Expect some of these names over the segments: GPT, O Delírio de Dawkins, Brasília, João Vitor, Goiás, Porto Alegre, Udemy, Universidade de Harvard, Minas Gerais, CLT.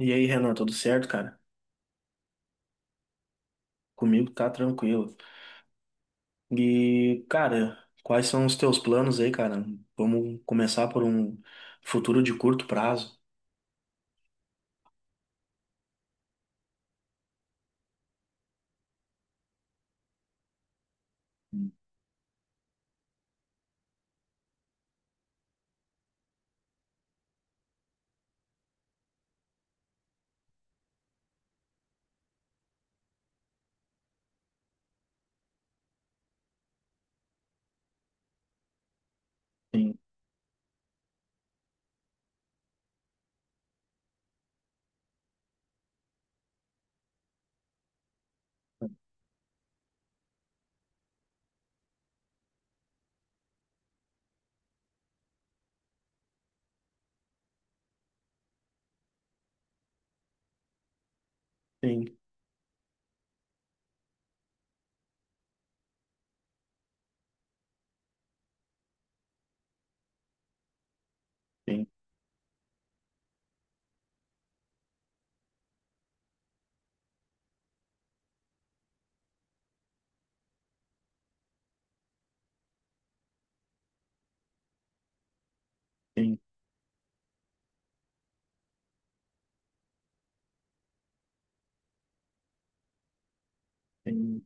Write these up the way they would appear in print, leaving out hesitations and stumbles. E aí, Renan, tudo certo, cara? Comigo tá tranquilo. E, cara, quais são os teus planos aí, cara? Vamos começar por um futuro de curto prazo. Sim, sim, sim, sim, sim.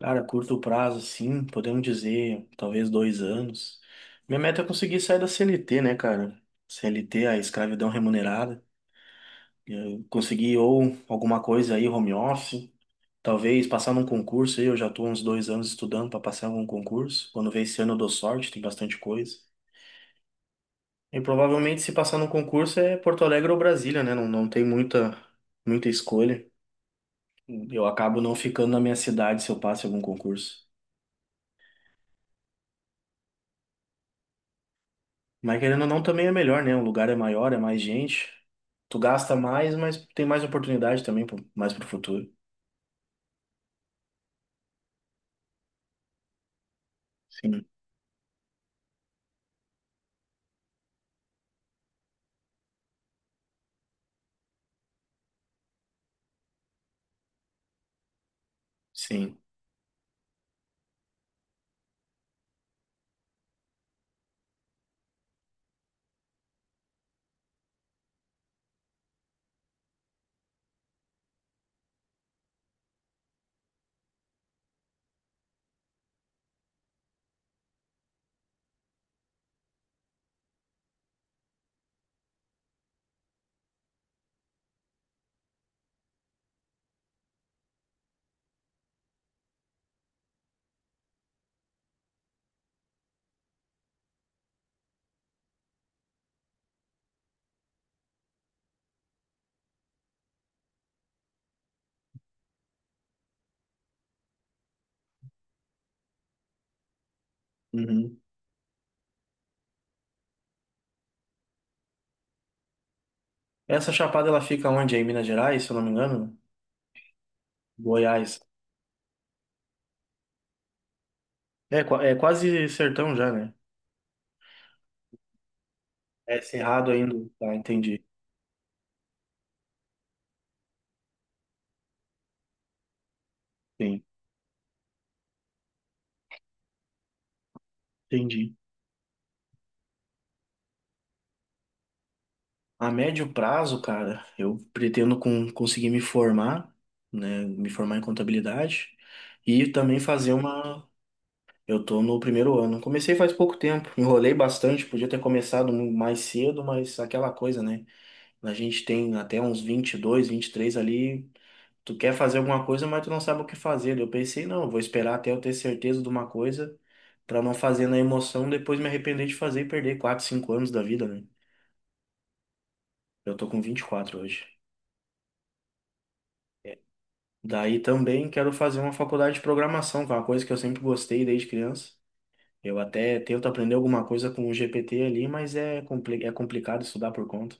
Cara, curto prazo, sim, podemos dizer, talvez 2 anos. Minha meta é conseguir sair da CLT, né, cara? CLT, a escravidão remunerada. Eu conseguir ou alguma coisa aí, home office. Talvez passar num concurso aí, eu já estou uns 2 anos estudando para passar em algum concurso. Quando vem esse ano eu dou sorte, tem bastante coisa. E provavelmente se passar num concurso é Porto Alegre ou Brasília, né? Não tem muita, muita escolha. Eu acabo não ficando na minha cidade se eu passo em algum concurso. Mas querendo ou não, também é melhor, né? O lugar é maior, é mais gente. Tu gasta mais, mas tem mais oportunidade também, mais pro futuro. Sim, sim. Uhum. Essa chapada ela fica onde? É em Minas Gerais, se eu não me engano? Goiás. É, é quase sertão já, né? É cerrado ainda. Tá, entendi. Sim, entendi. A médio prazo, cara, eu pretendo conseguir me formar, né? Me formar em contabilidade e também fazer uma. Eu tô no primeiro ano. Comecei faz pouco tempo, enrolei bastante, podia ter começado mais cedo, mas aquela coisa, né? A gente tem até uns 22, três ali. Tu quer fazer alguma coisa, mas tu não sabe o que fazer. Eu pensei, não, eu vou esperar até eu ter certeza de uma coisa pra não fazer na emoção, depois me arrepender de fazer e perder 4, 5 anos da vida, né? Eu tô com 24 hoje. Daí também quero fazer uma faculdade de programação, que é uma coisa que eu sempre gostei desde criança. Eu até tento aprender alguma coisa com o GPT ali, mas é, compli é complicado estudar por conta.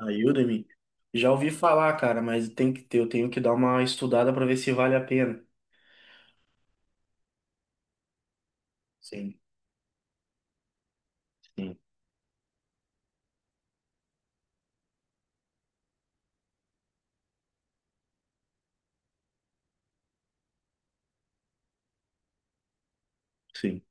A Udemy, já ouvi falar, cara, mas tem que ter, eu tenho que dar uma estudada pra ver se vale a pena. Sim, sim, sim,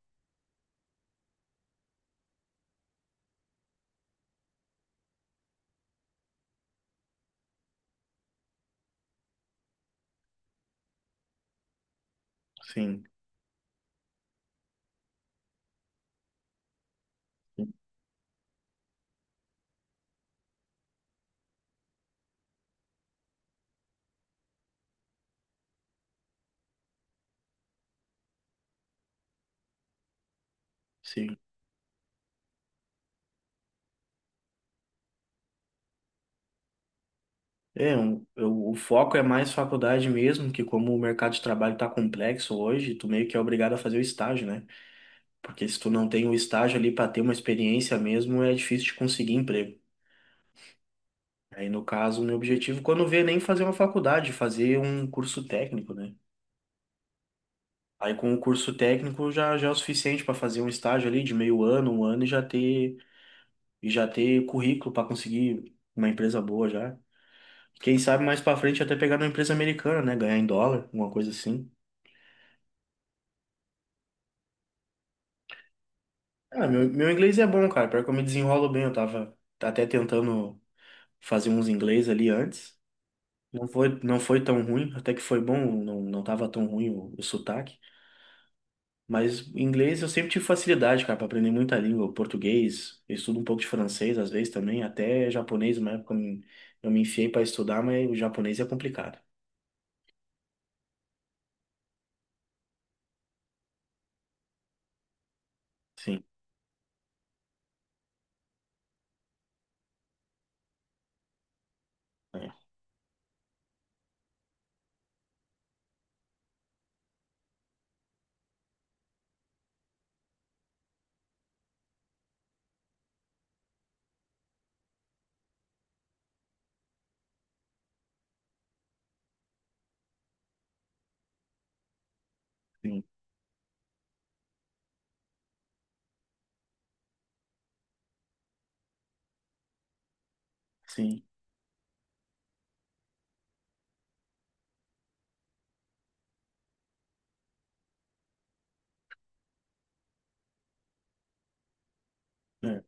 sim. Sim. É, o foco é mais faculdade mesmo, que como o mercado de trabalho está complexo hoje, tu meio que é obrigado a fazer o estágio, né? Porque se tu não tem o estágio ali para ter uma experiência mesmo, é difícil de conseguir emprego. Aí, no caso, o meu objetivo, quando vê, é nem fazer uma faculdade, fazer um curso técnico, né? Aí, com o curso técnico, já é o suficiente para fazer um estágio ali de meio ano, um ano, e já ter currículo para conseguir uma empresa boa já. Quem sabe mais para frente até pegar numa empresa americana, né? Ganhar em dólar, alguma coisa assim. Ah, meu inglês é bom, cara. Pior que eu me desenrolo bem. Eu tava até tentando fazer uns inglês ali antes. Não foi tão ruim, até que foi bom, não tava tão ruim o sotaque. Mas inglês eu sempre tive facilidade, cara, pra aprender muita língua. O português, eu estudo um pouco de francês às vezes também, até japonês, uma época eu me enfiei pra estudar, mas o japonês é complicado. Sim, é, sim, sim, é.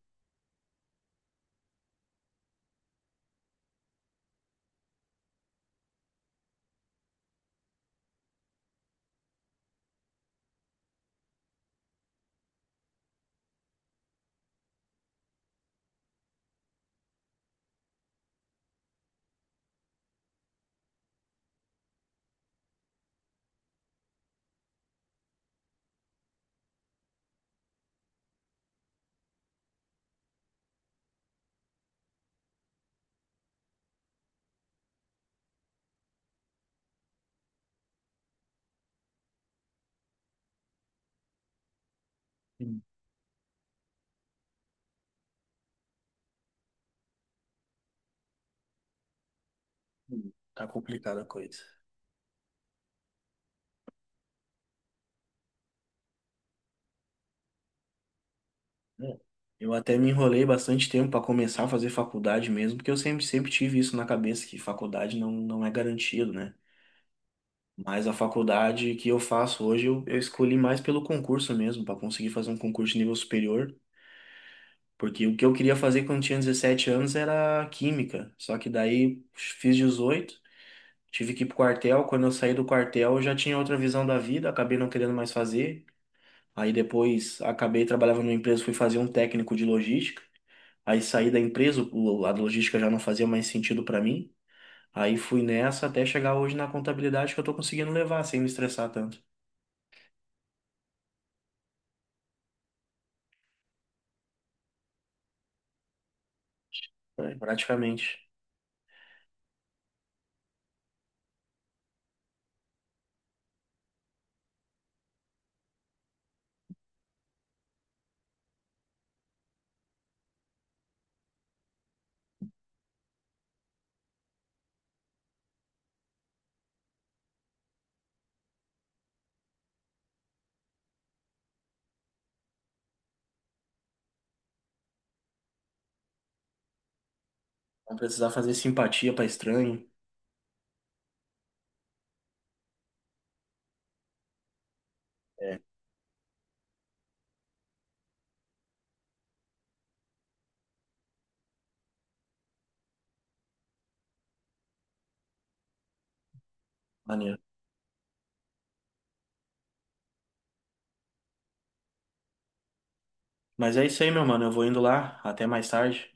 Hum, Tá complicada a coisa. É. Eu até me enrolei bastante tempo para começar a fazer faculdade mesmo, porque eu sempre tive isso na cabeça, que faculdade não é garantido, né? Mas a faculdade que eu faço hoje, eu escolhi mais pelo concurso mesmo, para conseguir fazer um concurso de nível superior, porque o que eu queria fazer quando tinha 17 anos era química, só que daí fiz 18, tive que ir pro quartel, quando eu saí do quartel eu já tinha outra visão da vida, acabei não querendo mais fazer, aí depois acabei trabalhando numa empresa, fui fazer um técnico de logística. Aí saí da empresa, a logística já não fazia mais sentido para mim. Aí fui nessa até chegar hoje na contabilidade que eu tô conseguindo levar sem me estressar tanto. É, praticamente. Não precisar fazer simpatia para estranho. É. Maneiro. Mas é isso aí, meu mano. Eu vou indo lá. Até mais tarde.